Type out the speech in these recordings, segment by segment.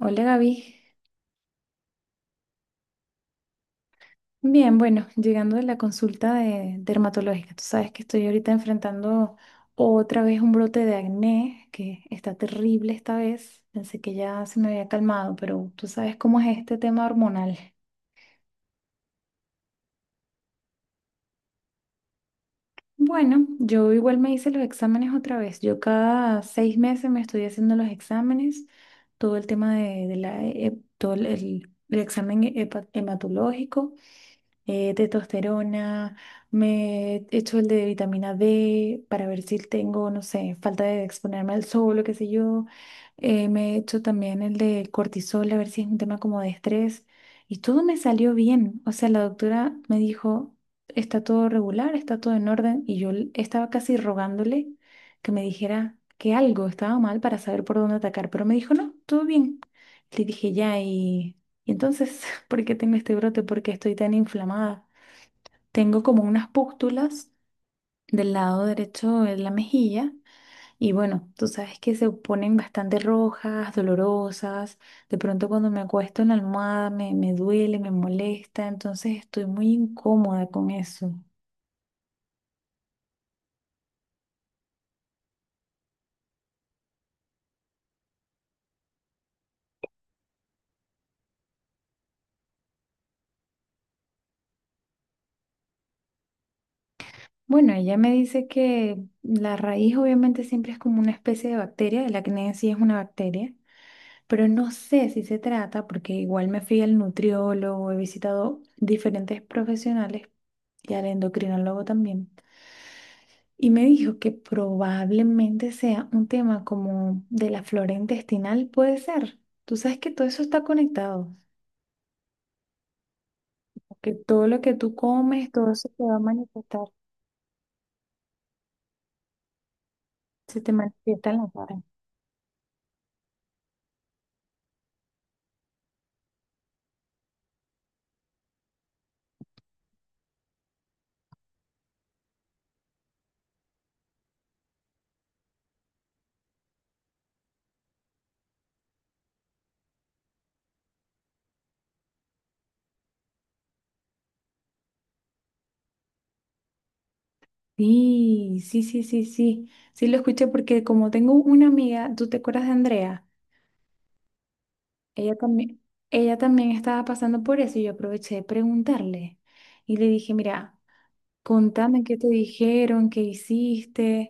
Hola Gaby. Bien, bueno, llegando de la consulta de dermatológica, tú sabes que estoy ahorita enfrentando otra vez un brote de acné que está terrible esta vez. Pensé que ya se me había calmado, pero tú sabes cómo es este tema hormonal. Bueno, yo igual me hice los exámenes otra vez. Yo cada 6 meses me estoy haciendo los exámenes, todo el tema de todo el examen hematológico. Testosterona, me echo el de vitamina D para ver si tengo, no sé, falta de exponerme al sol o qué sé yo. Me echo también el de cortisol, a ver si es un tema como de estrés. Y todo me salió bien. O sea, la doctora me dijo, está todo regular, está todo en orden. Y yo estaba casi rogándole que me dijera que algo estaba mal para saber por dónde atacar. Pero me dijo, no, todo bien. Le dije, ya, y... Y entonces, ¿por qué tengo este brote? ¿Por qué estoy tan inflamada? Tengo como unas pústulas del lado derecho de la mejilla y bueno, tú sabes que se ponen bastante rojas, dolorosas. De pronto cuando me acuesto en la almohada me duele, me molesta, entonces estoy muy incómoda con eso. Bueno, ella me dice que la raíz obviamente siempre es como una especie de bacteria, el acné en sí es una bacteria, pero no sé si se trata, porque igual me fui al nutriólogo, he visitado diferentes profesionales y al endocrinólogo también, y me dijo que probablemente sea un tema como de la flora intestinal, puede ser. Tú sabes que todo eso está conectado, que todo lo que tú comes, todo eso te va a manifestar, se te manifiesta en la cara. Sí, sí, sí, sí, sí, sí lo escuché porque como tengo una amiga, ¿tú te acuerdas de Andrea? Ella también, ella también estaba pasando por eso y yo aproveché de preguntarle y le dije, mira, contame qué te dijeron, qué hiciste.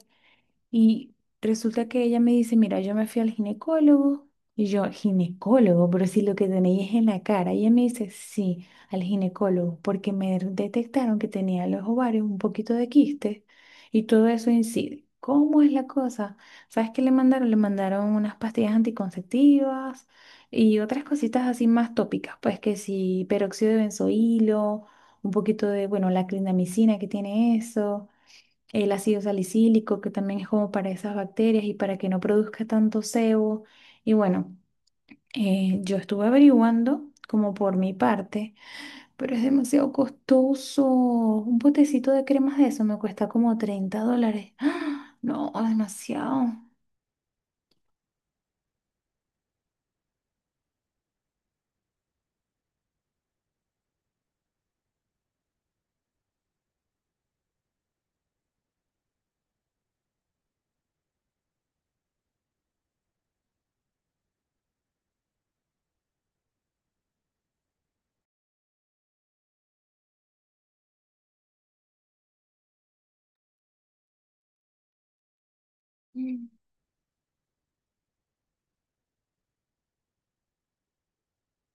Y resulta que ella me dice, mira, yo me fui al ginecólogo. Y yo, ginecólogo, pero si lo que tenéis es en la cara. Y ella me dice, sí, al ginecólogo, porque me detectaron que tenía en los ovarios un poquito de quiste y todo eso incide. ¿Cómo es la cosa? ¿Sabes qué le mandaron? Le mandaron unas pastillas anticonceptivas y otras cositas así más tópicas, pues que sí, peróxido de benzoilo, un poquito de, bueno, la clindamicina que tiene eso, el ácido salicílico, que también es como para esas bacterias y para que no produzca tanto sebo. Y bueno, yo estuve averiguando como por mi parte, pero es demasiado costoso. Un potecito de cremas de eso me cuesta como $30. ¡Ah! No, demasiado. Mm.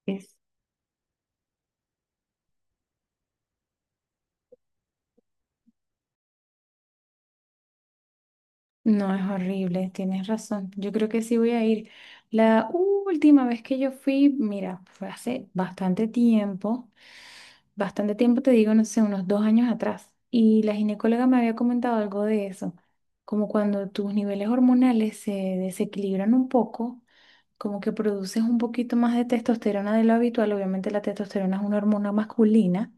Es- No, es horrible, tienes razón. Yo creo que sí voy a ir. La última vez que yo fui, mira, fue hace bastante tiempo, bastante tiempo, te digo, no sé, unos 2 años atrás. Y la ginecóloga me había comentado algo de eso, como cuando tus niveles hormonales se desequilibran un poco, como que produces un poquito más de testosterona de lo habitual. Obviamente la testosterona es una hormona masculina.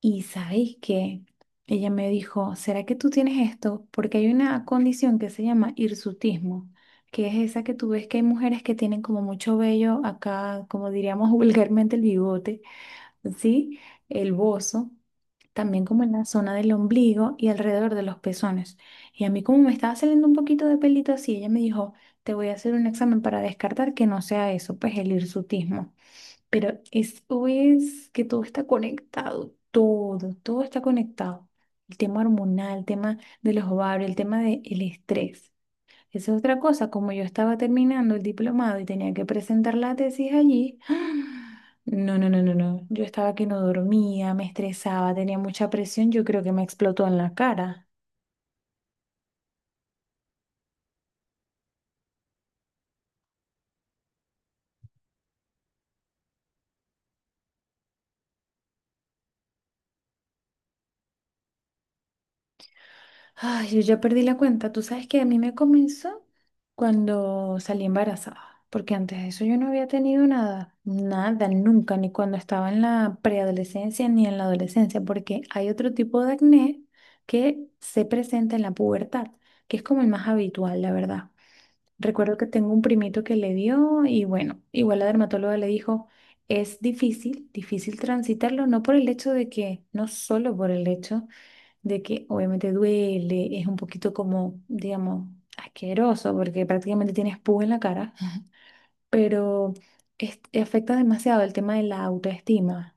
Y sabéis que ella me dijo, ¿será que tú tienes esto? Porque hay una condición que se llama hirsutismo, que es esa que tú ves que hay mujeres que tienen como mucho vello acá, como diríamos vulgarmente el bigote, ¿sí? El bozo, también como en la zona del ombligo y alrededor de los pezones. Y a mí como me estaba saliendo un poquito de pelito así, ella me dijo, te voy a hacer un examen para descartar que no sea eso, pues el hirsutismo. Pero es que todo está conectado, todo, todo está conectado. El tema hormonal, el tema de los ovarios, el tema del estrés. Esa es otra cosa, como yo estaba terminando el diplomado y tenía que presentar la tesis allí, no, no, no, no, no, yo estaba que no dormía, me estresaba, tenía mucha presión, yo creo que me explotó en la cara. Ay, yo ya perdí la cuenta. Tú sabes que a mí me comenzó cuando salí embarazada, porque antes de eso yo no había tenido nada, nada, nunca, ni cuando estaba en la preadolescencia ni en la adolescencia, porque hay otro tipo de acné que se presenta en la pubertad, que es como el más habitual, la verdad. Recuerdo que tengo un primito que le dio y bueno, igual la dermatóloga le dijo, es difícil, difícil transitarlo, no por el hecho de que, no solo por el hecho de que obviamente duele, es un poquito como, digamos, asqueroso porque prácticamente tienes pus en la cara, pero afecta demasiado el tema de la autoestima.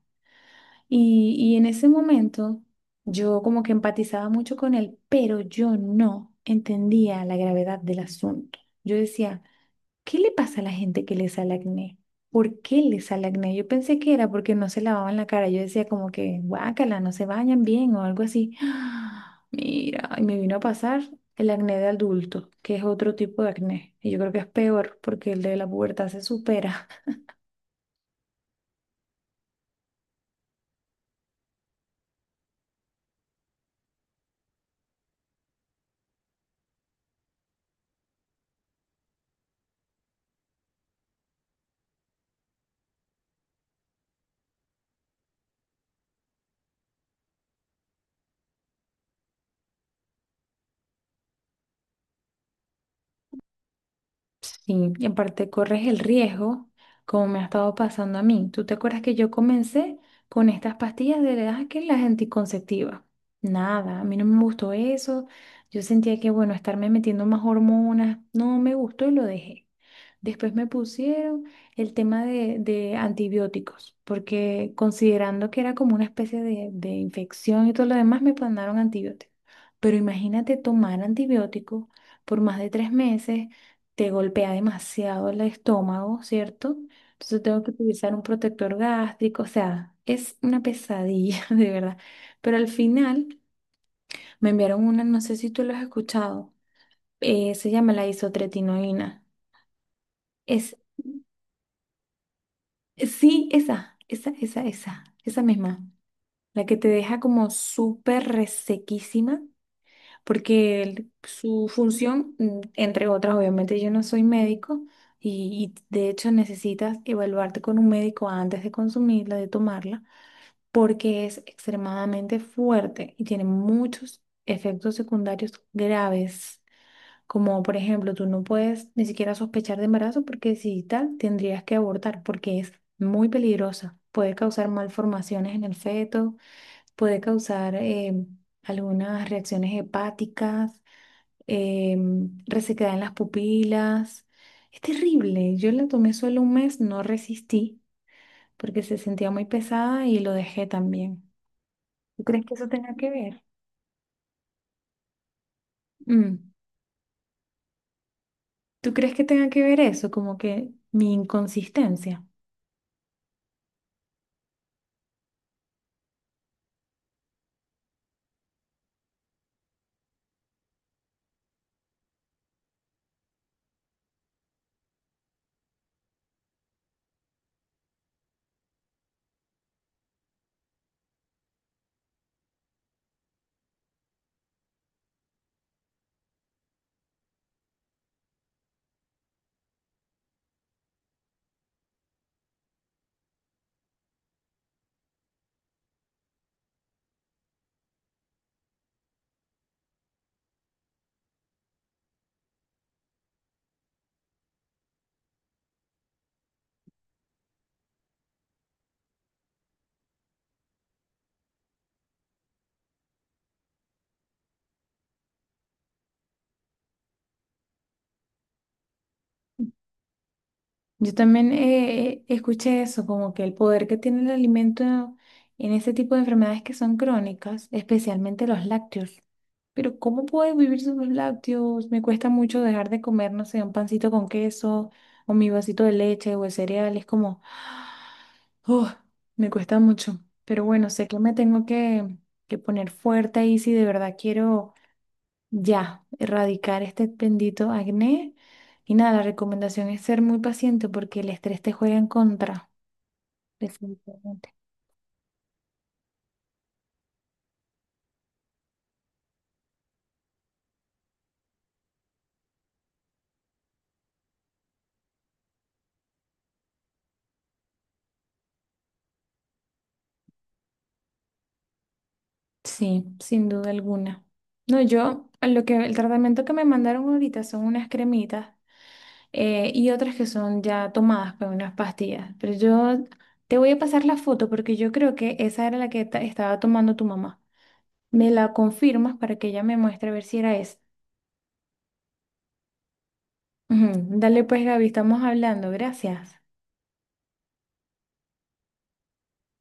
Y en ese momento yo como que empatizaba mucho con él, pero yo no entendía la gravedad del asunto. Yo decía, ¿qué le pasa a la gente que le sale acné? ¿Por qué le sale acné? Yo pensé que era porque no se lavaban la cara. Yo decía como que, guácala, no se bañan bien o algo así. Mira, y me vino a pasar el acné de adulto, que es otro tipo de acné. Y yo creo que es peor porque el de la pubertad se supera. Sí, y aparte corres el riesgo, como me ha estado pasando a mí. ¿Tú te acuerdas que yo comencé con estas pastillas de edad que las anticonceptivas? Nada, a mí no me gustó eso. Yo sentía que, bueno, estarme metiendo más hormonas, no me gustó y lo dejé. Después me pusieron el tema de antibióticos, porque considerando que era como una especie de infección y todo lo demás, me mandaron antibióticos. Pero imagínate tomar antibióticos por más de 3 meses te golpea demasiado el estómago, ¿cierto? Entonces tengo que utilizar un protector gástrico, o sea, es una pesadilla, de verdad. Pero al final me enviaron una, no sé si tú lo has escuchado, se llama la isotretinoína. Es, sí, esa misma, la que te deja como súper resequísima porque su función, mm, entre otras, obviamente yo no soy médico y de hecho necesitas evaluarte con un médico antes de consumirla, de tomarla, porque es extremadamente fuerte y tiene muchos efectos secundarios graves. Como por ejemplo, tú no puedes ni siquiera sospechar de embarazo porque si tal, tendrías que abortar porque es muy peligrosa. Puede causar malformaciones en el feto, puede causar algunas reacciones hepáticas, eh, resequedad en las pupilas. Es terrible. Yo la tomé solo un mes, no resistí porque se sentía muy pesada y lo dejé también. ¿Tú crees que eso tenga que ver? Mm. ¿Tú crees que tenga que ver eso? Como que mi inconsistencia. Yo también escuché eso, como que el poder que tiene el alimento en ese tipo de enfermedades que son crónicas, especialmente los lácteos. Pero ¿cómo puedo vivir sin los lácteos? Me cuesta mucho dejar de comer, no sé, un pancito con queso o mi vasito de leche o de cereal. Es como, oh, me cuesta mucho. Pero bueno, sé que me tengo que poner fuerte ahí si de verdad quiero ya erradicar este bendito acné. Y nada, la recomendación es ser muy paciente porque el estrés te juega en contra, definitivamente. Sí, sin duda alguna. No, yo, lo que el tratamiento que me mandaron ahorita son unas cremitas y otras que son ya tomadas con unas pastillas. Pero yo te voy a pasar la foto porque yo creo que esa era la que estaba tomando tu mamá. Me la confirmas para que ella me muestre a ver si era esa. Ujú. Dale pues, Gaby, estamos hablando. Gracias.